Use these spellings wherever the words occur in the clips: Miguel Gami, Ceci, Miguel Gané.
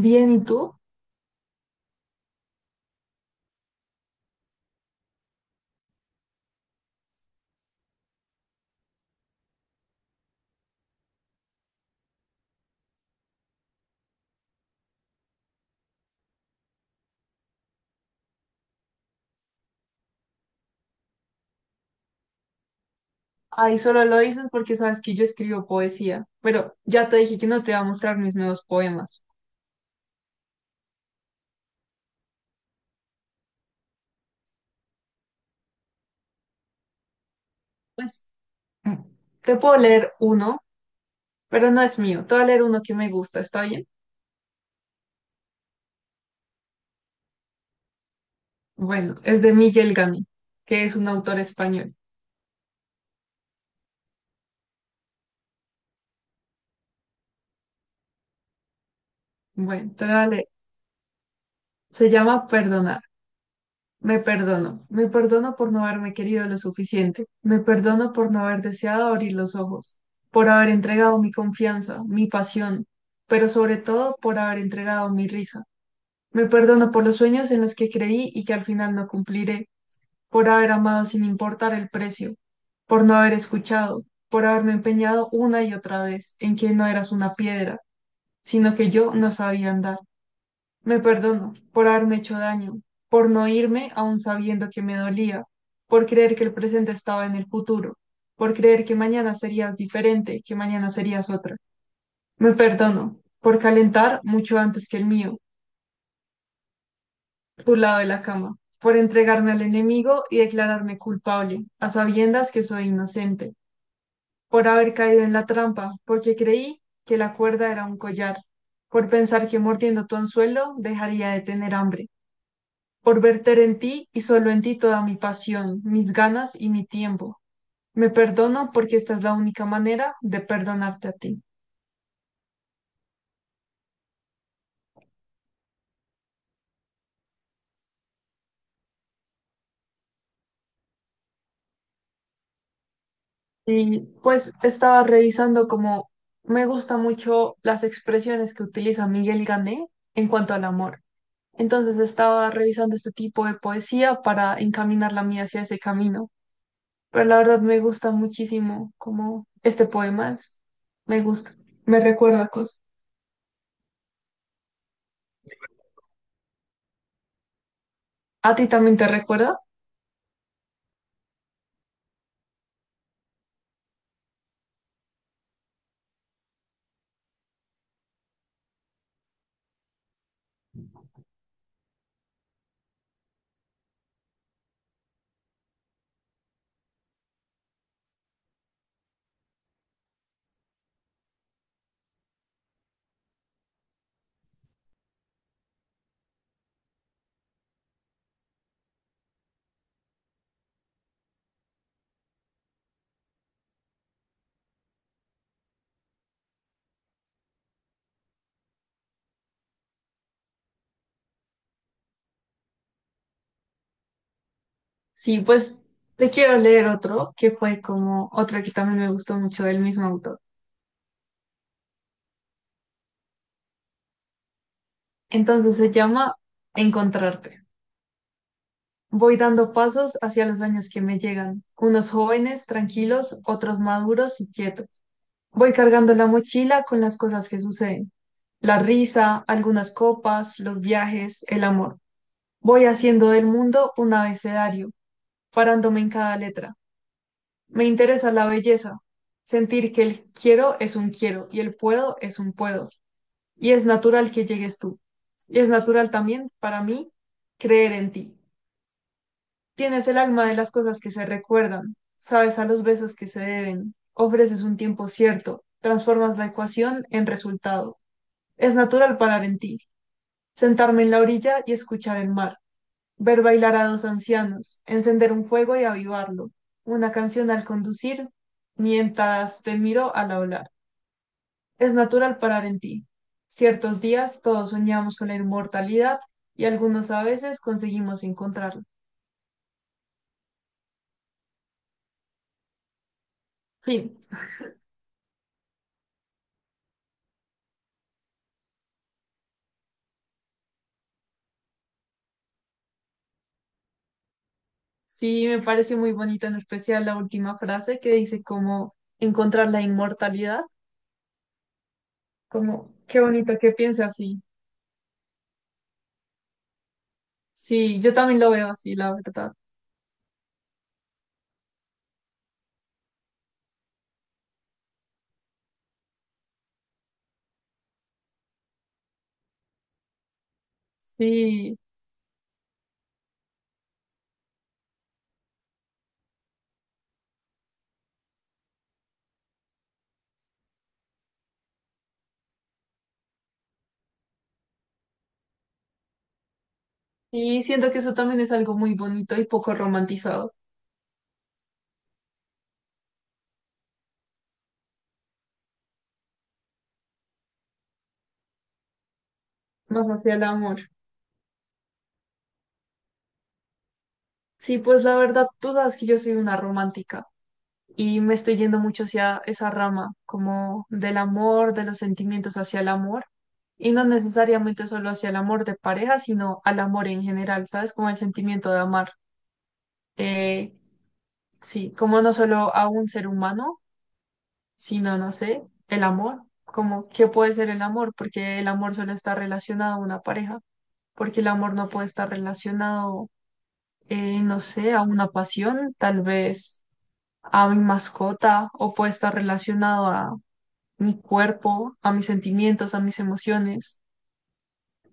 Bien, ¿y tú? Ahí solo lo dices porque sabes que yo escribo poesía, pero ya te dije que no te voy a mostrar mis nuevos poemas. Pues mm, te puedo leer uno, pero no es mío. Te voy a leer uno que me gusta, ¿está bien? Bueno, es de Miguel Gami, que es un autor español. Bueno, te voy a leer. Se llama Perdonar. Me perdono. Me perdono por no haberme querido lo suficiente. Me perdono por no haber deseado abrir los ojos, por haber entregado mi confianza, mi pasión, pero sobre todo por haber entregado mi risa. Me perdono por los sueños en los que creí y que al final no cumpliré, por haber amado sin importar el precio, por no haber escuchado, por haberme empeñado una y otra vez en que no eras una piedra, sino que yo no sabía andar. Me perdono por haberme hecho daño, por no irme aún sabiendo que me dolía, por creer que el presente estaba en el futuro, por creer que mañana serías diferente, que mañana serías otra. Me perdono por calentar mucho antes que el mío por lado de la cama, por entregarme al enemigo y declararme culpable, a sabiendas que soy inocente, por haber caído en la trampa, porque creí que la cuerda era un collar, por pensar que mordiendo tu anzuelo dejaría de tener hambre, por verter en ti y solo en ti toda mi pasión, mis ganas y mi tiempo. Me perdono porque esta es la única manera de perdonarte a ti. Y pues estaba revisando como me gusta mucho las expresiones que utiliza Miguel Gané en cuanto al amor. Entonces estaba revisando este tipo de poesía para encaminar la mía hacia ese camino. Pero la verdad me gusta muchísimo como este poema es- me gusta, me recuerda cosas. ¿A ti también te recuerda? Sí, pues te quiero leer otro que fue como otro que también me gustó mucho del mismo autor. Entonces se llama Encontrarte. Voy dando pasos hacia los años que me llegan, unos jóvenes, tranquilos, otros maduros y quietos. Voy cargando la mochila con las cosas que suceden. La risa, algunas copas, los viajes, el amor. Voy haciendo del mundo un abecedario, parándome en cada letra. Me interesa la belleza, sentir que el quiero es un quiero y el puedo es un puedo. Y es natural que llegues tú. Y es natural también para mí creer en ti. Tienes el alma de las cosas que se recuerdan, sabes a los besos que se deben, ofreces un tiempo cierto, transformas la ecuación en resultado. Es natural parar en ti, sentarme en la orilla y escuchar el mar, ver bailar a dos ancianos, encender un fuego y avivarlo, una canción al conducir, mientras te miro al hablar. Es natural parar en ti. Ciertos días todos soñamos con la inmortalidad y algunos a veces conseguimos encontrarla. Fin. Sí, me parece muy bonita en especial la última frase que dice como encontrar la inmortalidad. Como, qué bonito que piense así. Sí, yo también lo veo así, la verdad. Sí, y siento que eso también es algo muy bonito y poco romantizado, más hacia el amor. Sí, pues la verdad, tú sabes que yo soy una romántica y me estoy yendo mucho hacia esa rama, como del amor, de los sentimientos hacia el amor, y no necesariamente solo hacia el amor de pareja, sino al amor en general, ¿sabes? Como el sentimiento de amar. Eh, sí, como no solo a un ser humano, sino, no sé, el amor, como qué puede ser el amor, porque el amor solo está relacionado a una pareja. Porque el amor no puede estar relacionado, no sé, a una pasión, tal vez a mi mascota, o puede estar relacionado a mi cuerpo, a mis sentimientos, a mis emociones.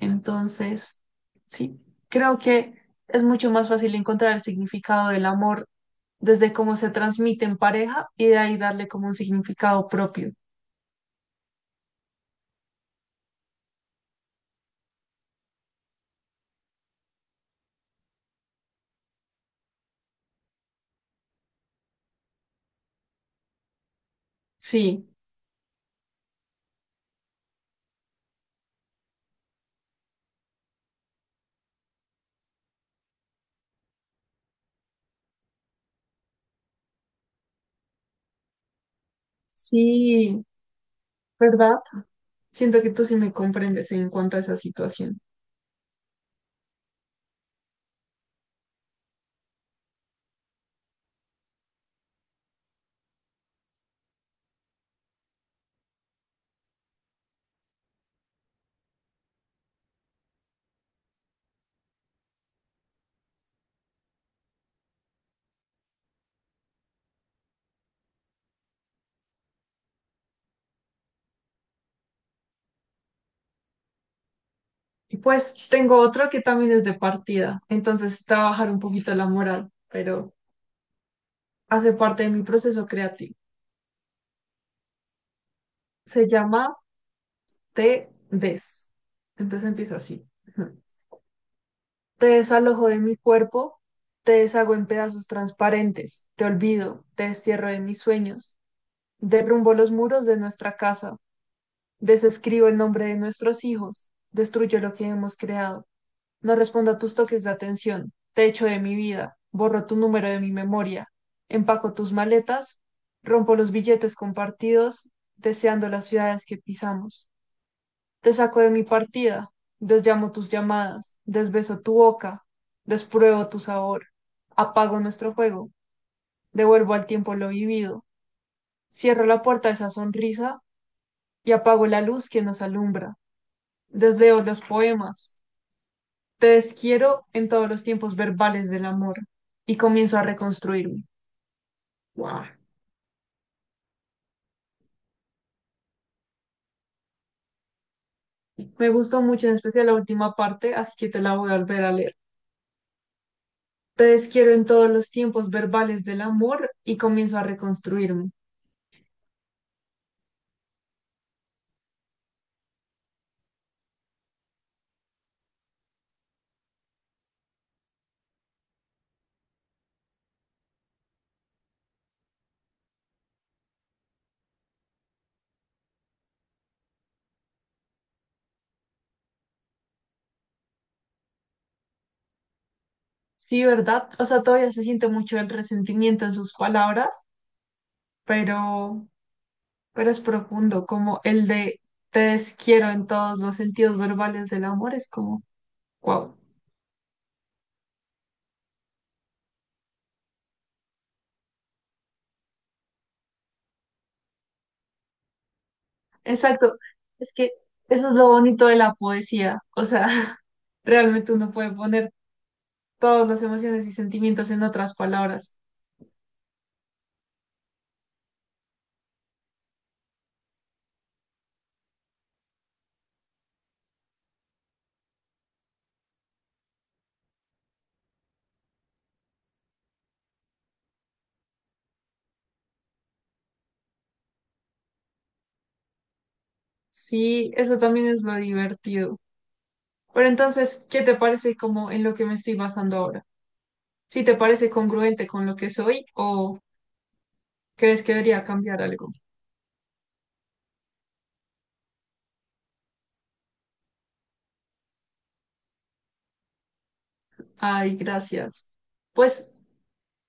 Entonces, sí, creo que es mucho más fácil encontrar el significado del amor desde cómo se transmite en pareja y de ahí darle como un significado propio. Sí, sí, ¿verdad? Siento que tú sí me comprendes en cuanto a esa situación. Y pues tengo otro que también es de partida, entonces trabajar un poquito la moral, pero hace parte de mi proceso creativo. Se llama Te des. Entonces empieza así. Ujú. Te desalojo de mi cuerpo, te deshago en pedazos transparentes, te olvido, te destierro de mis sueños, derrumbo los muros de nuestra casa, desescribo el nombre de nuestros hijos, destruyo lo que hemos creado. No respondo a tus toques de atención. Te echo de mi vida. Borro tu número de mi memoria. Empaco tus maletas. Rompo los billetes compartidos, deseando las ciudades que pisamos. Te saco de mi partida. Desllamo tus llamadas. Desbeso tu boca. Despruebo tu sabor. Apago nuestro juego. Devuelvo al tiempo lo vivido. Cierro la puerta de esa sonrisa y apago la luz que nos alumbra. Desleo los poemas, te desquiero en todos los tiempos verbales del amor y comienzo a reconstruirme. Wow. Me gustó mucho, en especial la última parte, así que te la voy a volver a leer. Te desquiero en todos los tiempos verbales del amor y comienzo a reconstruirme. Sí, ¿verdad? O sea, todavía se siente mucho el resentimiento en sus palabras, pero, pero es profundo, como el de te desquiero en todos los sentidos verbales del amor, es como, wow. Exacto. Es que eso es lo bonito de la poesía. O sea, realmente uno puede poner todas las emociones y sentimientos en otras palabras. Sí, eso también es lo divertido. Pero entonces, ¿qué te parece como en lo que me estoy basando ahora? ¿Sí te parece congruente con lo que soy o crees que debería cambiar algo? Ay, gracias. Pues,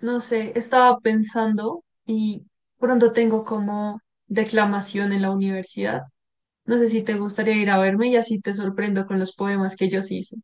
no sé, estaba pensando y pronto tengo como declamación en la universidad. No sé si te gustaría ir a verme y así te sorprendo con los poemas que yo sí hice.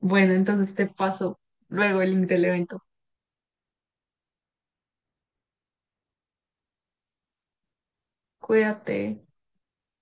Bueno, entonces te paso luego el link del evento. Cuídate.